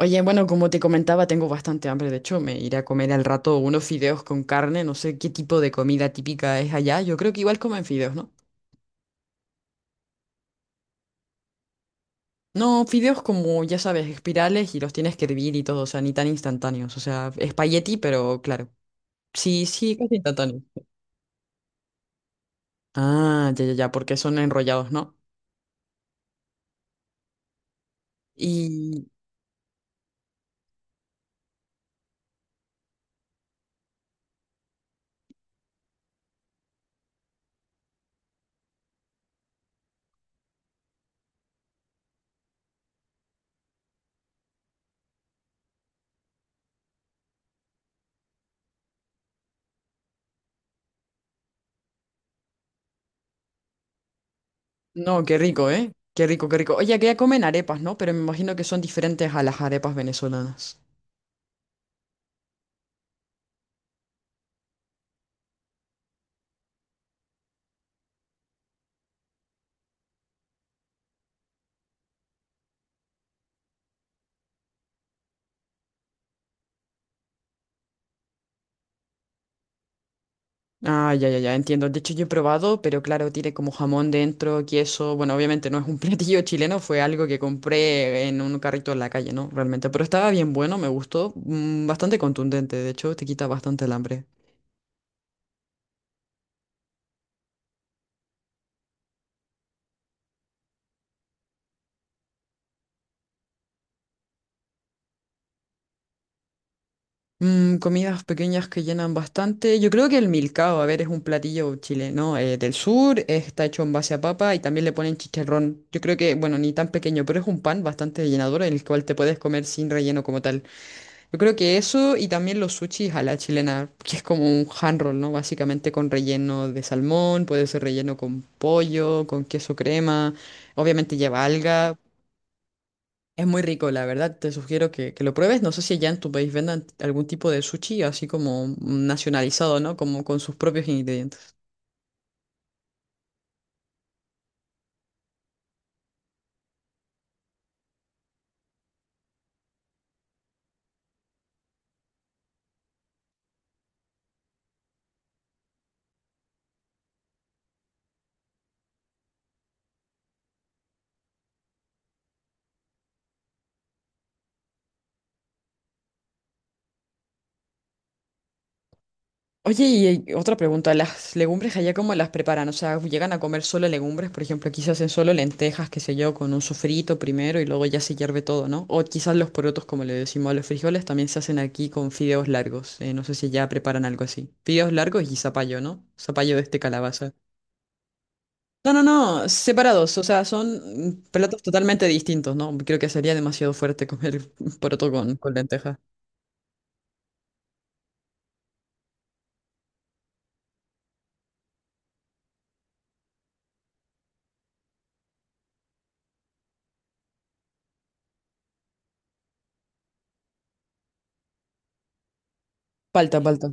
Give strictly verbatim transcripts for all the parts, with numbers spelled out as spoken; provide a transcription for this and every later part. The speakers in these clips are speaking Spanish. Oye, bueno, como te comentaba, tengo bastante hambre. De hecho, me iré a comer al rato unos fideos con carne. No sé qué tipo de comida típica es allá. Yo creo que igual comen fideos, ¿no? No, fideos como, ya sabes, espirales y los tienes que hervir y todo, o sea, ni tan instantáneos. O sea, espagueti, pero claro. Sí, sí, casi instantáneo. Ah, ya, ya, ya, porque son enrollados, ¿no? Y no, qué rico, ¿eh? Qué rico, qué rico. Oye, que ya comen arepas, ¿no? Pero me imagino que son diferentes a las arepas venezolanas. Ah, ya, ya, ya, entiendo. De hecho, yo he probado, pero claro, tiene como jamón dentro, queso. Bueno, obviamente no es un platillo chileno, fue algo que compré en un carrito en la calle, ¿no? Realmente. Pero estaba bien bueno, me gustó. Mm, bastante contundente, de hecho, te quita bastante el hambre. Mm, comidas pequeñas que llenan bastante. Yo creo que el milcao, a ver, es un platillo chileno eh, del sur, está hecho en base a papa y también le ponen chicharrón. Yo creo que, bueno, ni tan pequeño, pero es un pan bastante llenador, en el cual te puedes comer sin relleno como tal. Yo creo que eso y también los sushis a la chilena, que es como un hand roll, ¿no? Básicamente con relleno de salmón, puede ser relleno con pollo, con queso crema, obviamente lleva alga. Es muy rico, la verdad, te sugiero que, que lo pruebes. No sé si allá en tu país vendan algún tipo de sushi así como nacionalizado, ¿no? Como con sus propios ingredientes. Oye, y eh, otra pregunta, ¿las legumbres allá cómo las preparan? O sea, ¿llegan a comer solo legumbres? Por ejemplo, aquí se hacen solo lentejas, qué sé yo, con un sofrito primero y luego ya se hierve todo, ¿no? O quizás los porotos, como le decimos a los frijoles, también se hacen aquí con fideos largos. Eh, no sé si ya preparan algo así. Fideos largos y zapallo, ¿no? Zapallo de este calabaza. No, no, no, separados, o sea, son mm, platos totalmente distintos, ¿no? Creo que sería demasiado fuerte comer poroto con, con lenteja. Palta, palta.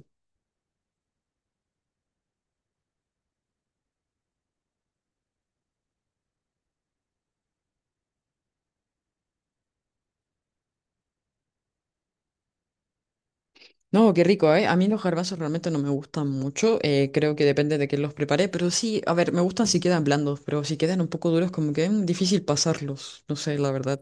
No, qué rico, ¿eh? A mí los garbanzos realmente no me gustan mucho, eh, creo que depende de quién los prepare, pero sí, a ver, me gustan si quedan blandos, pero si quedan un poco duros como que mm, difícil pasarlos, no sé, la verdad.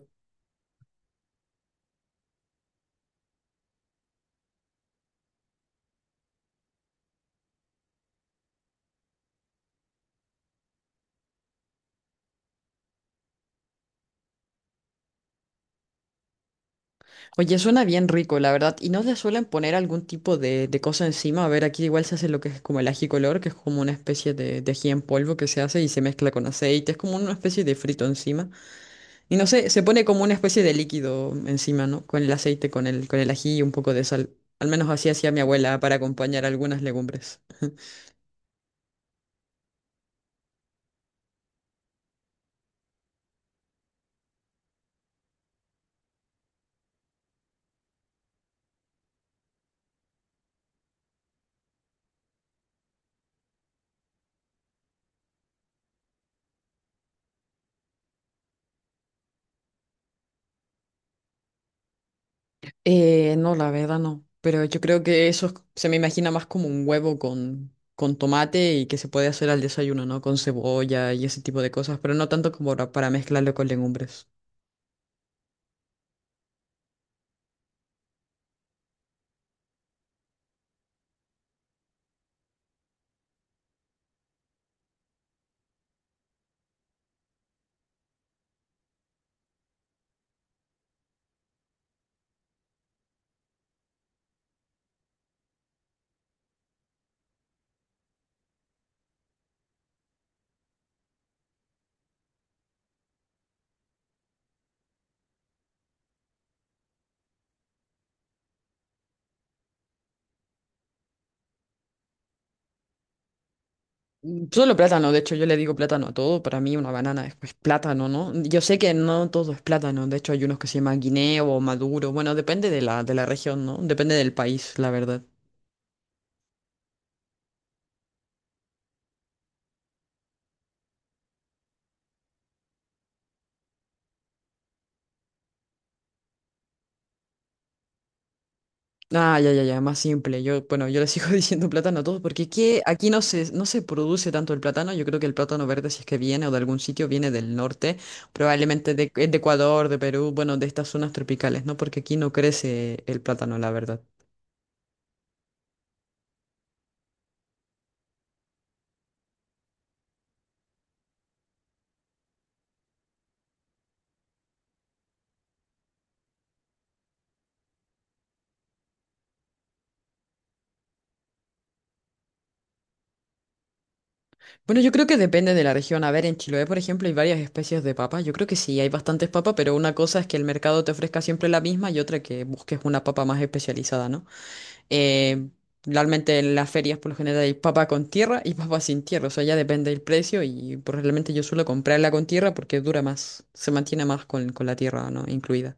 Oye, suena bien rico, la verdad, y no le suelen poner algún tipo de, de cosa encima, a ver, aquí igual se hace lo que es como el ají color, que es como una especie de, de ají en polvo que se hace y se mezcla con aceite, es como una especie de frito encima, y no sé, se pone como una especie de líquido encima, ¿no? Con el aceite, con el, con el ají y un poco de sal. Al menos así hacía mi abuela para acompañar algunas legumbres. Eh, no, la verdad no. Pero yo creo que eso es- se me imagina más como un huevo con, con tomate y que se puede hacer al desayuno, ¿no? Con cebolla y ese tipo de cosas, pero no tanto como ra- para mezclarlo con legumbres. Mm, solo plátano, de hecho yo le digo plátano a todo, para mí una banana es pues, plátano, ¿no? Yo sé que no todo es plátano, de hecho hay unos que se llaman guineo o maduro, bueno, depende de la, de la región, ¿no? Depende del país, la verdad. Ah, ya, ya, ya, más simple. Yo, bueno, yo le sigo diciendo plátano a todos porque aquí, aquí no se, no se produce tanto el plátano. Yo creo que el plátano verde, si es que viene o de algún sitio, viene del norte, probablemente de, de Ecuador, de Perú, bueno, de estas zonas tropicales, ¿no? Porque aquí no crece el plátano, la verdad. Bueno, yo creo que depende de la región. A ver, en Chiloé, por ejemplo, hay varias especies de papa. Yo creo que sí, hay bastantes papas, pero una cosa es que el mercado te ofrezca siempre la misma y otra que busques una papa más especializada, ¿no? Eh, Realmente en las ferias por lo general hay papa con tierra y papa sin tierra, o sea, ya depende del precio y pues, realmente yo suelo comprarla con tierra porque dura más, se mantiene más con, con la tierra, ¿no? Incluida.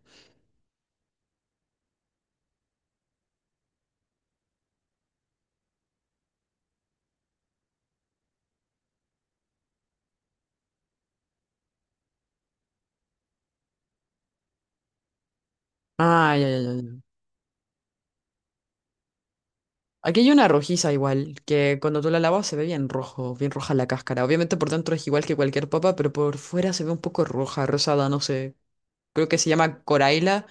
Ah, ya, ya, ya. Ya. Aquí hay una rojiza igual, que cuando tú la lavas se ve bien rojo, bien roja la cáscara. Obviamente por dentro es igual que cualquier papa, pero por fuera se ve un poco roja, rosada, no sé. Creo que se llama coraila.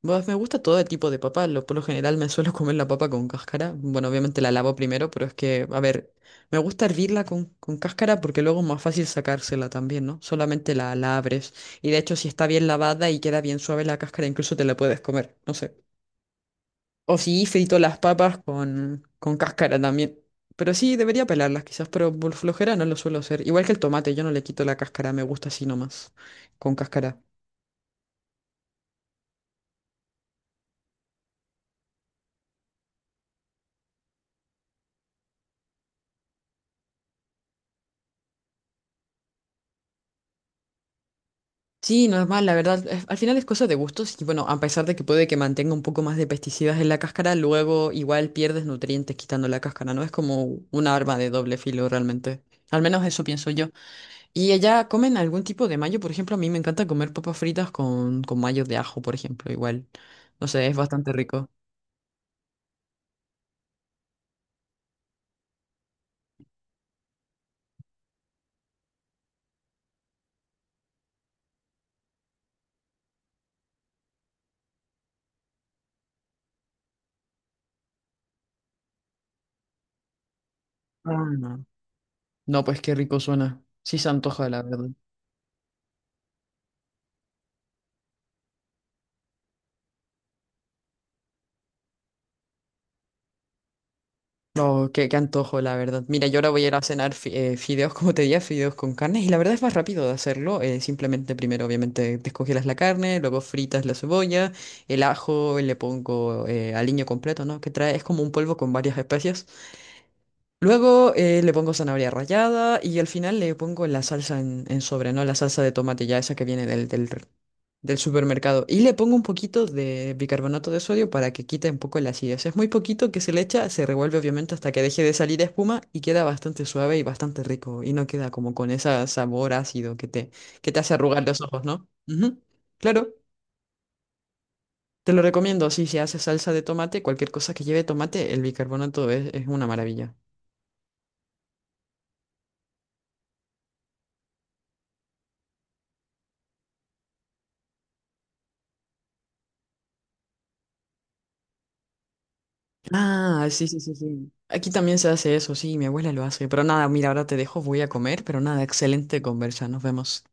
Pues me gusta todo el tipo de papa. Lo, por lo general me suelo comer la papa con cáscara. Bueno, obviamente la lavo primero, pero es que, a ver, me gusta hervirla con, con cáscara porque luego es más fácil sacársela también, ¿no? Solamente la, la abres. Y de hecho, si está bien lavada y queda bien suave la cáscara, incluso te la puedes comer, no sé. O si frito las papas con, con cáscara también. Pero sí, debería pelarlas quizás, pero por flojera no lo suelo hacer. Igual que el tomate, yo no le quito la cáscara, me gusta así nomás, con cáscara. Sí, normal, la verdad. es- Al final es cosa de gustos y bueno, a pesar de que puede que mantenga un poco más de pesticidas en la cáscara, luego igual pierdes nutrientes quitando la cáscara, ¿no? Es como una arma de doble filo realmente. Al menos eso pienso yo. ¿Y allá comen algún tipo de mayo? Por ejemplo, a mí me encanta comer papas fritas con, con mayo de ajo, por ejemplo, igual. No sé, es bastante rico. Ah, no. No, pues qué rico suena. Sí se antoja, la verdad. No, qué, qué antojo, la verdad. Mira, yo ahora voy a ir a cenar fi- eh, fideos, como te decía fideos con carne, y la verdad es más rápido de hacerlo. Eh, simplemente primero, obviamente, descongelas la carne, luego fritas la cebolla, el ajo, le pongo eh, aliño completo, ¿no? Que trae, es como un polvo con varias especias. Luego eh, le pongo zanahoria rallada y al final le pongo la salsa en, en sobre, ¿no? La salsa de tomate ya esa que viene del, del, del supermercado. Y le pongo un poquito de bicarbonato de sodio para que quite un poco la acidez. Es muy poquito que se le echa, se revuelve obviamente hasta que deje de salir espuma y queda bastante suave y bastante rico. Y no queda como con ese sabor ácido que te, que te hace arrugar los ojos, ¿no? Ujú. Claro, te lo recomiendo. Si se hace salsa de tomate, cualquier cosa que lleve tomate, el bicarbonato es es una maravilla. Ah, sí, sí, sí, sí. Aquí también se hace eso, sí, mi abuela lo hace. Pero nada, mira, ahora te dejo, voy a comer, pero nada, excelente conversa, nos vemos.